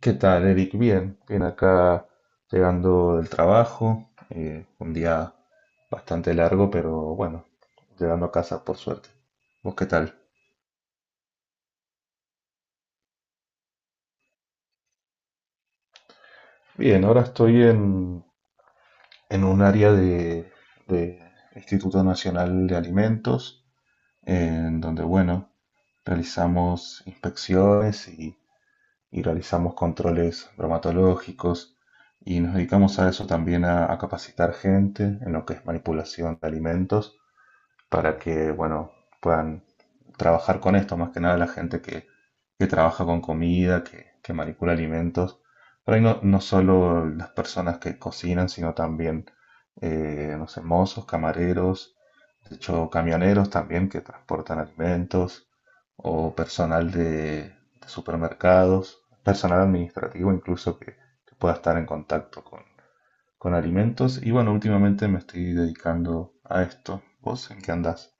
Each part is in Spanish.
¿Qué tal, Eric? Bien, bien acá llegando del trabajo, un día bastante largo, pero bueno, llegando a casa por suerte. ¿Vos qué tal? Bien, ahora estoy en un área de Instituto Nacional de Alimentos, en donde, bueno, realizamos inspecciones y realizamos controles bromatológicos y nos dedicamos a eso también, a capacitar gente en lo que es manipulación de alimentos para que, bueno, puedan trabajar con esto, más que nada la gente que trabaja con comida, que manipula alimentos. Por ahí no, no solo las personas que cocinan, sino también, no sé, mozos, camareros, de hecho, camioneros también que transportan alimentos, o personal de supermercados, personal administrativo incluso que pueda estar en contacto con alimentos. Y bueno, últimamente me estoy dedicando a esto. ¿Vos en qué andás?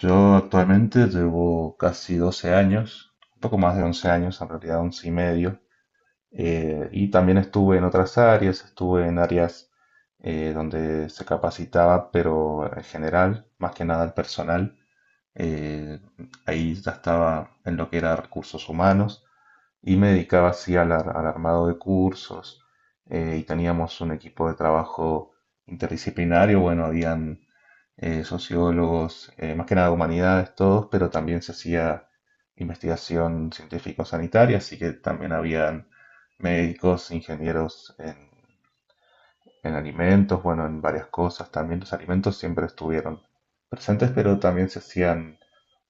Yo actualmente llevo casi 12 años, un poco más de 11 años, en realidad 11 y medio, y también estuve en otras áreas, estuve en áreas donde se capacitaba, pero en general, más que nada el personal. Eh, Ahí ya estaba en lo que era recursos humanos. Y me dedicaba así al, al armado de cursos y teníamos un equipo de trabajo interdisciplinario. Bueno, habían sociólogos, más que nada humanidades todos, pero también se hacía investigación científico-sanitaria, así que también habían médicos, ingenieros en alimentos, bueno, en varias cosas. También los alimentos siempre estuvieron presentes, pero también se hacían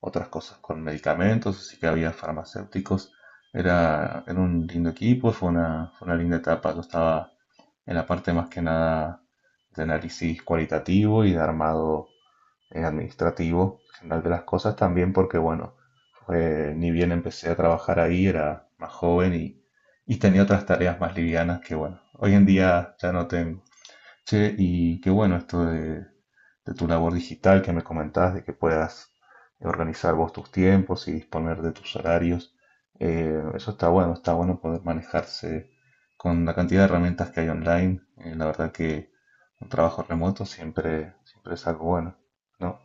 otras cosas con medicamentos, así que había farmacéuticos. Era un lindo equipo, fue una linda etapa. Yo estaba en la parte más que nada de análisis cualitativo y de armado administrativo general de las cosas también porque, bueno, ni bien empecé a trabajar ahí, era más joven y tenía otras tareas más livianas que, bueno, hoy en día ya no tengo. Che, y qué bueno esto de tu labor digital que me comentabas, de que puedas organizar vos tus tiempos y disponer de tus horarios. Eso está bueno poder manejarse con la cantidad de herramientas que hay online. La verdad que un trabajo remoto siempre, siempre es algo bueno, ¿no?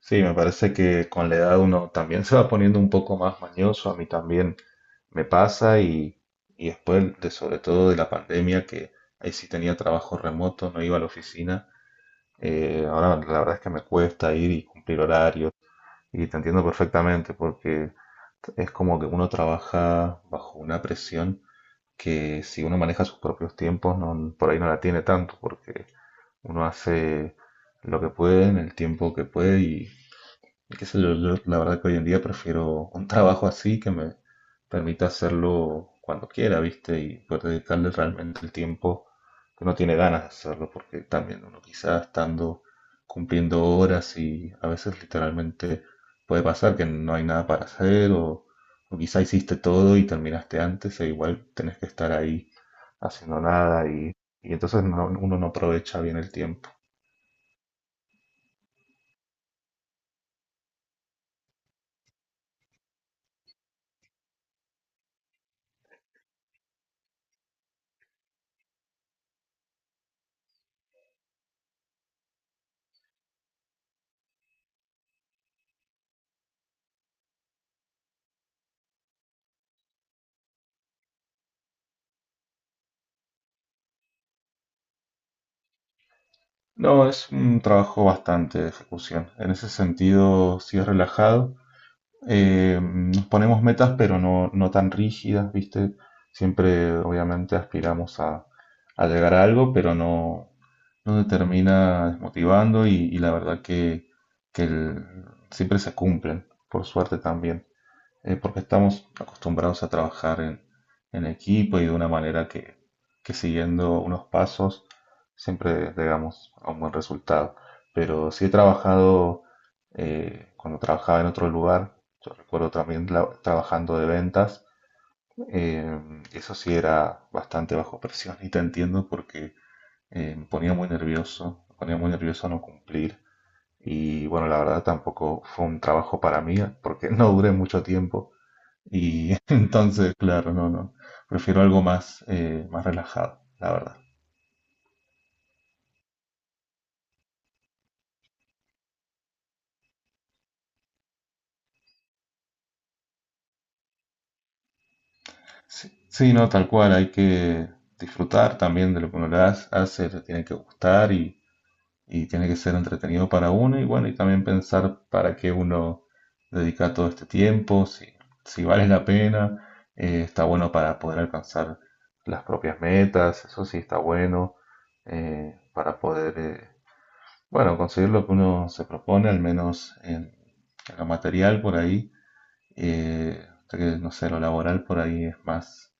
Sí, me parece que con la edad uno también se va poniendo un poco más mañoso, a mí también me pasa y después de sobre todo de la pandemia que ahí sí tenía trabajo remoto, no iba a la oficina, ahora la verdad es que me cuesta ir y cumplir horarios y te entiendo perfectamente porque es como que uno trabaja bajo una presión que si uno maneja sus propios tiempos no, por ahí no la tiene tanto porque uno hace lo que puede en el tiempo que puede y qué sé yo, yo la verdad que hoy en día prefiero un trabajo así que me permita hacerlo cuando quiera, ¿viste? Y poder dedicarle realmente el tiempo que uno tiene ganas de hacerlo, porque también uno quizás estando cumpliendo horas y a veces literalmente puede pasar que no hay nada para hacer o quizá hiciste todo y terminaste antes e igual tenés que estar ahí haciendo nada y, y entonces uno no aprovecha bien el tiempo. No, es un trabajo bastante de ejecución. En ese sentido, sí es relajado. Nos ponemos metas, pero no, no tan rígidas, ¿viste? Siempre, obviamente, aspiramos a llegar a algo, pero no, no te termina desmotivando y la verdad que, que el- siempre se cumplen, por suerte también porque estamos acostumbrados a trabajar en equipo y de una manera que siguiendo unos pasos siempre llegamos a un buen resultado. Pero sí he trabajado cuando trabajaba en otro lugar, yo recuerdo también trabajando de ventas, eso sí era bastante bajo presión y te entiendo porque me ponía muy nervioso, me ponía muy nervioso no cumplir. Y bueno, la verdad tampoco fue un trabajo para mí porque no duré mucho tiempo y entonces, claro, no, no. Prefiero algo más, más relajado, la verdad. Sí, sí, no, tal cual, hay que disfrutar también de lo que uno le hace, hace, le tiene que gustar y tiene que ser entretenido para uno y bueno, y también pensar para qué uno dedica todo este tiempo, si, si vale la pena, está bueno para poder alcanzar las propias metas, eso sí está bueno, eh, para poder... eh, bueno, conseguir lo que uno se propone, al menos en lo material por ahí, hasta que, no sé, lo laboral por ahí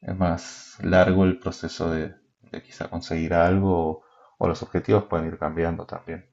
es más largo el proceso de quizá conseguir algo o los objetivos pueden ir cambiando también.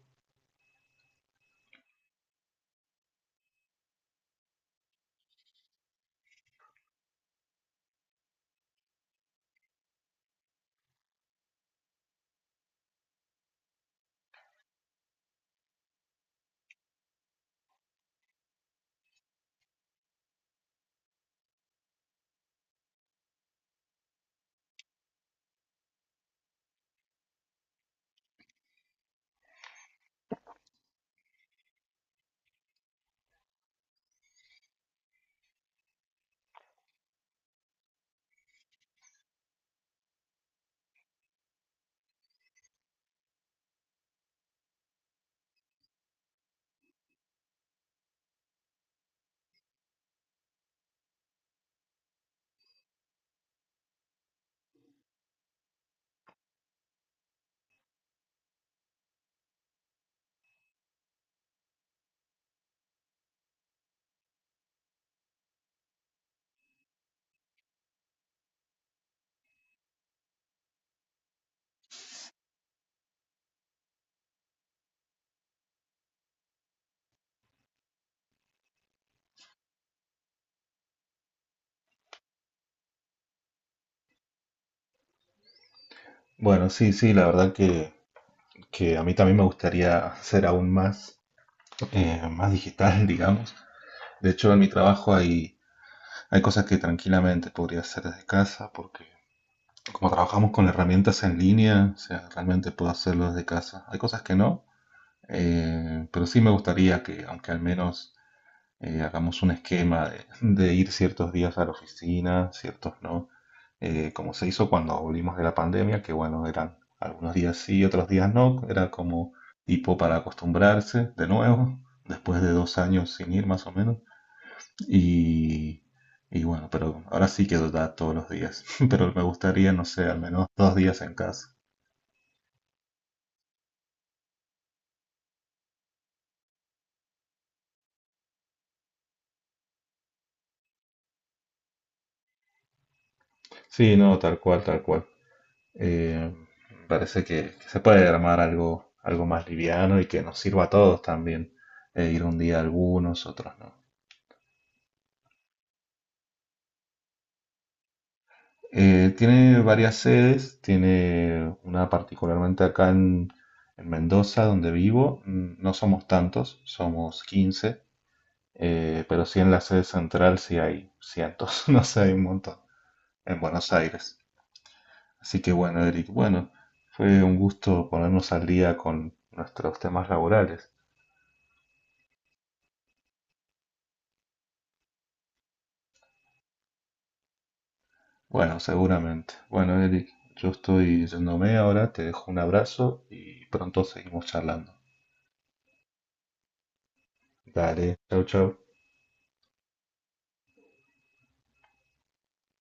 Bueno, sí, sí, la verdad que a mí también me gustaría ser aún más, más digital, digamos. De hecho, en mi trabajo hay, hay cosas que tranquilamente podría hacer desde casa porque como trabajamos con herramientas en línea, o sea, realmente puedo hacerlo desde casa. Hay cosas que no, pero sí me gustaría que, aunque al menos hagamos un esquema de ir ciertos días a la oficina, ciertos no, como se hizo cuando volvimos de la pandemia, que bueno, eran algunos días sí, otros días no, era como tipo para acostumbrarse de nuevo, después de 2 años sin ir más o menos, y, y bueno, pero ahora sí que da todos los días, pero me gustaría, no sé, al menos 2 días en casa. Sí, no, tal cual, tal cual. Eh, Parece que se puede armar algo, algo más liviano y que nos sirva a todos también. Ir un día algunos, otros no. Tiene varias sedes, tiene una particularmente acá en Mendoza, donde vivo. Mm, no somos tantos, somos 15, pero sí en la sede central sí hay cientos, no sé, hay un montón. En Buenos Aires. Así que bueno, Eric, bueno, fue un gusto ponernos al día con nuestros temas laborales. Bueno, seguramente. Bueno, Eric, yo estoy yéndome ahora, te dejo un abrazo y pronto seguimos charlando. Dale, chau, chau.